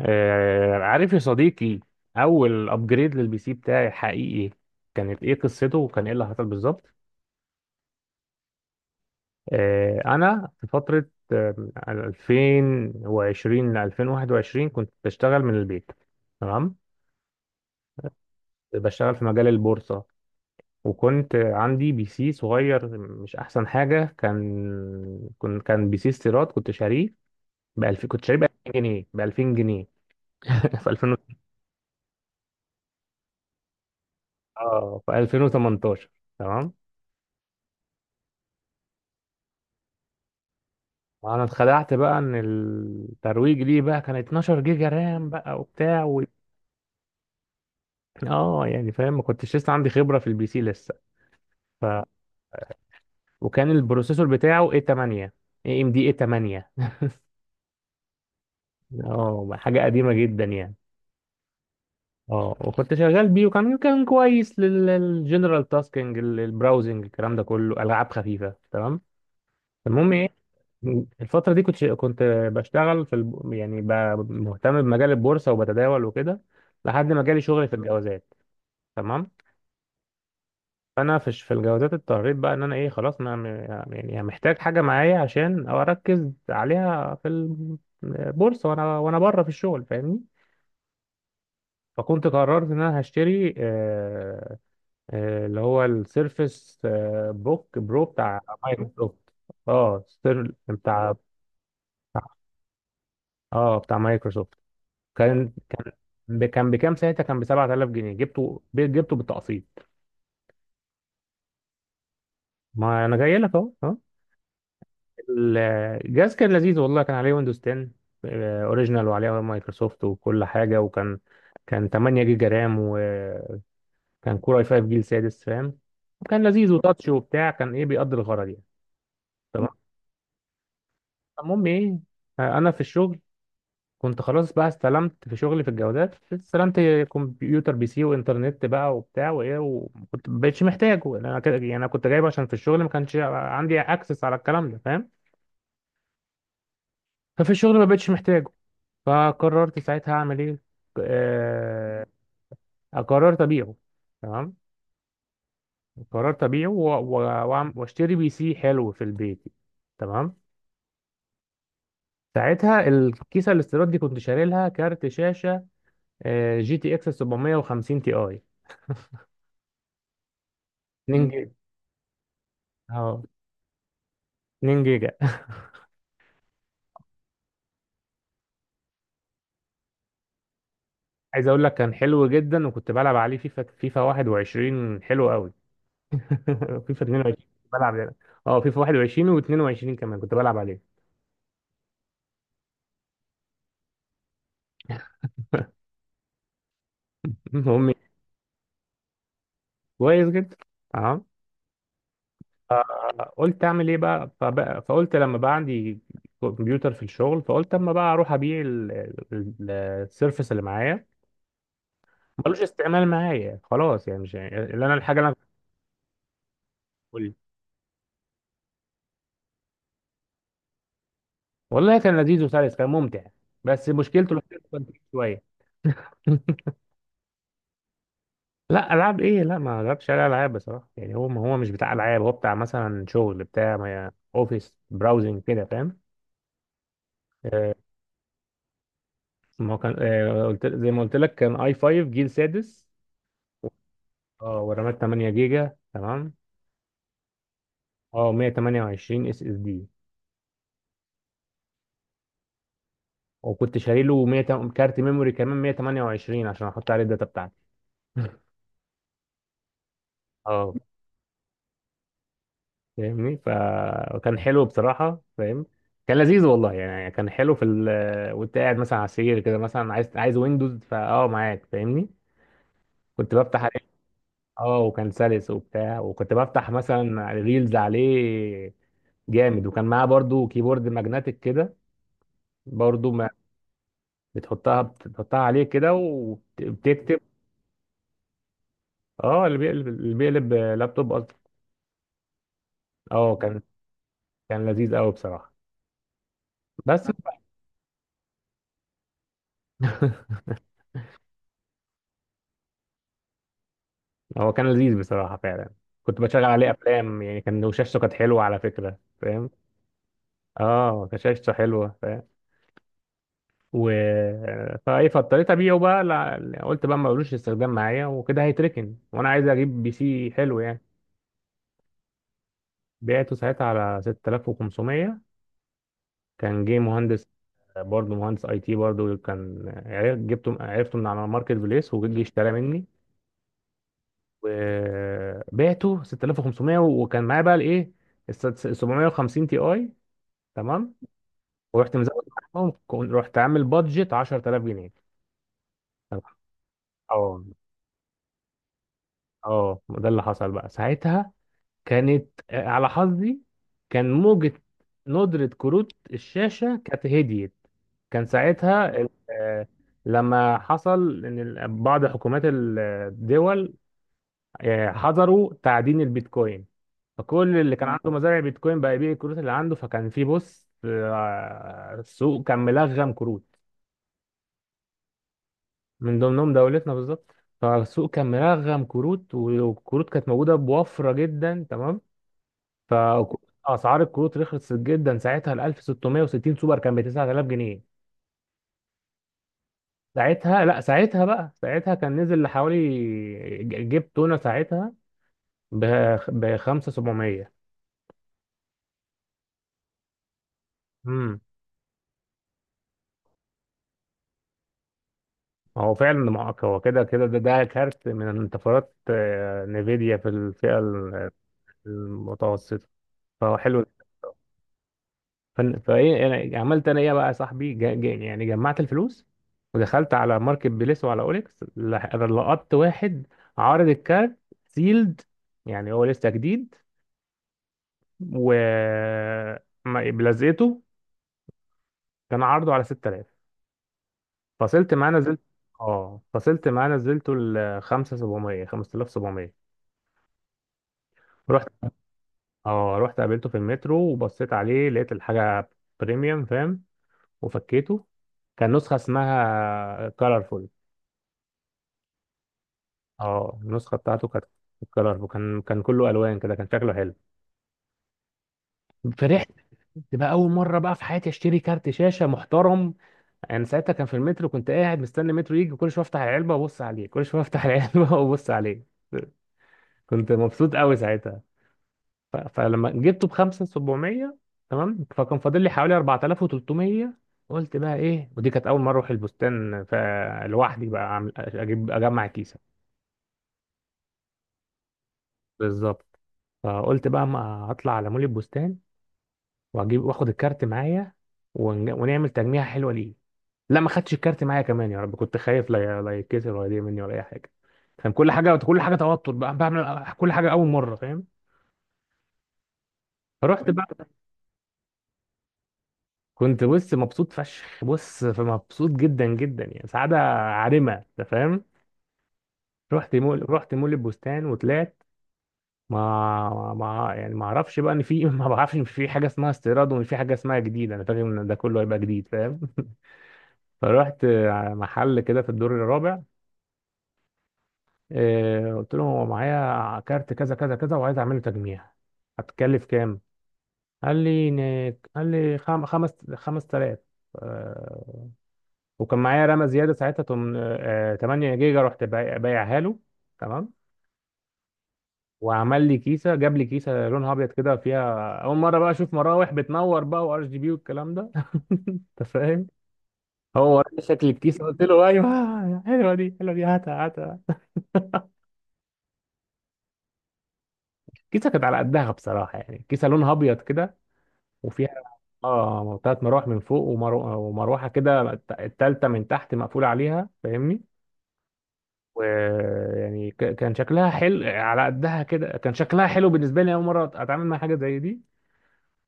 عارف يا صديقي، اول ابجريد للبي سي بتاعي، حقيقي كانت ايه قصته وكان ايه اللي حصل بالظبط؟ انا في فتره آه، 2020 ل 2021 كنت بشتغل من البيت. تمام. بشتغل في مجال البورصه. وكنت عندي بي سي صغير مش احسن حاجه، كان بي سي استيراد كنت شاريه ب 2000، كنت شاريه ب 2000 جنيه، ب 2000 جنيه. في 2000، اه في 2018. تمام. انا اتخدعت بقى ان الترويج ليه بقى كان 12 جيجا رام بقى وبتاع و... اه يعني فاهم، ما كنتش لسه عندي خبره في البي سي لسه. ف... وكان البروسيسور بتاعه اي 8، اي ام دي اي 8. اه حاجه قديمه جدا يعني. اه وكنت شغال بيه، وكان كويس للجنرال تاسكينج، البراوزنج، الكلام ده كله، العاب خفيفه. تمام. المهم ايه، الفتره دي كنت يعني مهتم بمجال البورصه وبتداول وكده، لحد ما جالي شغل في الجوازات. تمام. فانا في في الجوازات اضطريت بقى ان انا ايه خلاص انا يعني محتاج حاجه معايا عشان اركز عليها في البورصه، وانا بره في الشغل، فاهمني. فكنت قررت ان انا هشتري اللي هو السيرفس بوك برو بتاع مايكروسوفت. اه سير- بتاع بتاع- اه بتاع مايكروسوفت. كان كان بكام ساعتها، كان ب 7000 جنيه، جبته بالتقسيط. ما انا جاي لك اهو. الجهاز كان لذيذ، والله كان عليه ويندوز 10. اوريجينال، وعليه مايكروسوفت وكل حاجه. وكان 8 جيجا رام، وكان كور اي 5 جيل سادس، فاهم. وكان لذيذ وتاتش وبتاع، كان ايه بيقضي الغرض يعني. تمام. المهم ايه، انا في الشغل كنت خلاص بقى استلمت. في شغلي في الجوازات استلمت كمبيوتر بي سي وانترنت بقى وبتاع وايه، وكنت ما بقتش محتاجه، لأن انا كده يعني انا كنت جايبه عشان في الشغل ما كانش عندي اكسس على الكلام ده، فاهم. ففي الشغل ما بقتش محتاجه، فقررت ساعتها اعمل ايه. آه، قررت ابيعه. تمام. قررت ابيعه واشتري بي سي حلو في البيت. تمام. ساعتها الكيسه الاستيراد دي كنت شاري لها كارت شاشه، جي تي اكس 750 تي اي 2 جيجا. اه 2 جيجا. عايز اقول لك كان حلو جدا، وكنت بلعب عليه فيفا 21 حلو قوي. فيفا 22 بلعب يعني. اه فيفا 21 و22 كمان كنت بلعب عليه. المهم كويس جدا. اه فقلت اعمل ايه بقى، فقلت لما بقى عندي كمبيوتر في الشغل، فقلت اما بقى اروح ابيع السيرفس اللي معايا، ملوش استعمال معايا خلاص يعني مش يعني اللي انا الحاجه اللي انا بقول. والله كان لذيذ وسلس، كان ممتع، بس مشكلته الوحيده كنت شويه. لا العاب ايه، لا ما جربتش عليه العاب بصراحه، يعني هو هو مش بتاع العاب، هو بتاع مثلا شغل بتاع اوفيس، براوزنج كده، فاهم. آه، ما هو كان قلت زي ما قلت لك كان اي 5 جيل سادس. اه ورامات 8 جيجا. تمام. اه 128 اس اس دي. وكنت شاري له 100، كارت ميموري كمان 128 عشان احط عليه الداتا بتاعتي. اه فاهمني، فكان حلو بصراحة، فاهم. كان لذيذ والله يعني كان حلو في وانت قاعد مثلا على السرير كده، مثلا عايز ويندوز فاه معاك، فاهمني. كنت بفتح عليه. اه وكان سلس وبتاع، وكنت بفتح مثلا ريلز عليه، جامد. وكان معاه برضو كيبورد ماجنتيك كده، برضو ما بتحطها عليه كده وبتكتب. اه اللي بيقلب لابتوب قصدي. اه كان كان لذيذ قوي بصراحة، بس. هو كان لذيذ بصراحة فعلا. كنت بشغل عليه أفلام يعني، كان وشاشته كانت حلوة على فكرة، فاهم. اه كان شاشته حلوة، فاهم. و فايه فاضطريت ابيعه بقى لا... قلت بقى ما لوش استخدام معايا وكده هيتركن، وانا عايز اجيب بي سي حلو يعني. بعته ساعتها على 6500. كان جه مهندس، برضه مهندس اي تي، برضه كان عرف- جبته عرفته من على ماركت بليس وجي اشترى مني. وبعته 6500، وكان معايا بقى الايه ال 750 تي اي. تمام. ورحت مزود معاهم، رحت عامل بادجت 10000 جنيه. تمام. اه اه ده اللي حصل بقى ساعتها. كانت على حظي كان موجة ندرة كروت الشاشة كانت هديت. كان ساعتها لما حصل إن بعض حكومات الدول حظروا تعدين البيتكوين، فكل اللي كان عنده مزارع بيتكوين بقى يبيع الكروت اللي عنده، فكان في بص السوق كان ملغم كروت. من ضمنهم دولتنا بالظبط، فالسوق كان ملغم كروت، والكروت كانت موجودة بوفرة جدا. تمام. فاسعار الكروت رخصت جدا. ساعتها ال 1660 سوبر كان ب 9000 جنيه. ساعتها لا، ساعتها بقى ساعتها كان نزل لحوالي جيب تونه ساعتها، ب 5700. امم هو فعلا معاك، هو كده كده، ده كارت من انتفاضات نفيديا في الفئه المتوسطه، فهو حلو. فايه انا عملت انا ايه بقى يا صاحبي، جا يعني جمعت الفلوس، ودخلت على ماركت بليس وعلى اوليكس، لقطت واحد عارض الكارت سيلد، يعني هو لسه جديد، و بلزقته. كان عرضه على 6000، فصلت معاه نزلت. اه فصلت معاه نزلته ل 5700، 5700. رحت. اه رحت قابلته في المترو وبصيت عليه، لقيت الحاجه بريميوم فاهم. وفكيته، كان نسخه اسمها كولرفول. اه النسخه بتاعته كانت الكلر كان كله الوان كده، كان شكله حلو. فرحت تبقى اول مره بقى في حياتي اشتري كارت شاشه محترم. انا ساعتها كان في المترو، كنت قاعد مستني المترو يجي، كل شويه افتح العلبه وابص عليه، كل شويه افتح العلبه وابص عليه. كنت مبسوط قوي ساعتها. فلما جبته ب 5700. تمام. فكان فاضل لي حوالي 4300. قلت بقى ايه، ودي كانت اول مره اروح البستان فلوحدي بقى أعمل- اجيب اجمع كيسه. بالظبط. فقلت بقى ما اطلع على مول البستان واجيب واخد الكارت معايا ونعمل تجميعة حلوة ليه. لا ما خدتش الكارت معايا كمان، يا رب كنت خايف لا لا يتكسر ولا يضيع مني ولا اي حاجة. كان كل حاجة كل حاجة توتر بقى، بعمل كل حاجة أول مرة، فاهم. فرحت بقى. كنت بص مبسوط فشخ، بص مبسوط جدا جدا يعني، سعادة عارمة، أنت فاهم. رحت مول البستان وطلعت. ما ما يعني ما اعرفش بقى ان في ما بعرفش ان في حاجه اسمها استيراد، وان في حاجه اسمها جديد، انا فاكر ان ده كله هيبقى جديد، فاهم. فرحت محل كده في الدور الرابع. قلت لهم هو معايا كارت كذا كذا كذا وعايز اعمله تجميع، هتكلف كام؟ قال لي قال لي خمس 5000. آه، وكان معايا رامه زياده ساعتها 8 جيجا، رحت بايعها له. تمام. وعمل لي كيسه، جاب لي كيسه لونها ابيض كده، فيها اول مره بقى اشوف مراوح بتنور بقى، وار جي بي والكلام ده. انت فاهم. هو وراني شكل الكيسه، قلت له ايوه حلوه دي حلوه دي، هاتها هاتها. الكيسه كانت على قدها بصراحه يعني، كيسه لونها ابيض كده، وفيها اه ثلاث مراوح من فوق، ومروحه كده التالتة من تحت مقفولة عليها، فاهمني. ويعني كان شكلها حلو على قدها كده، كان شكلها حلو بالنسبة لي، أول مرة أتعامل مع حاجة زي دي.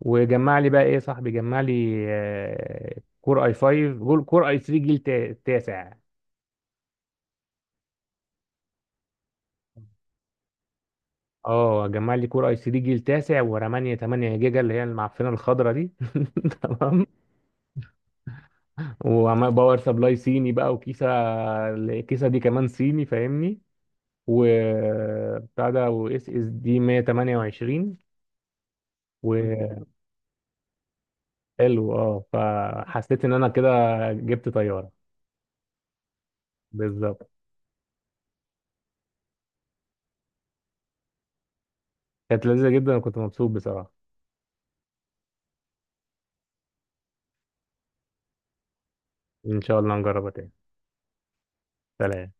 وجمع لي بقى إيه صاحبي، جمع لي كور اي 3 جيل تاسع. اه جمع لي كور اي 3 جيل تاسع، ورمانية 8 جيجا اللي هي المعفنة الخضرا دي. تمام. وباور سبلاي صيني بقى، وكيسة، الكيسة دي كمان صيني، فاهمني. وبتاع ده، واس اس دي 128. مم. وحلو. اه فحسيت ان انا كده جبت طياره. بالظبط، كانت لذيذه جدا وكنت مبسوط بصراحه. ان شاء الله نجربها تاني. سلام.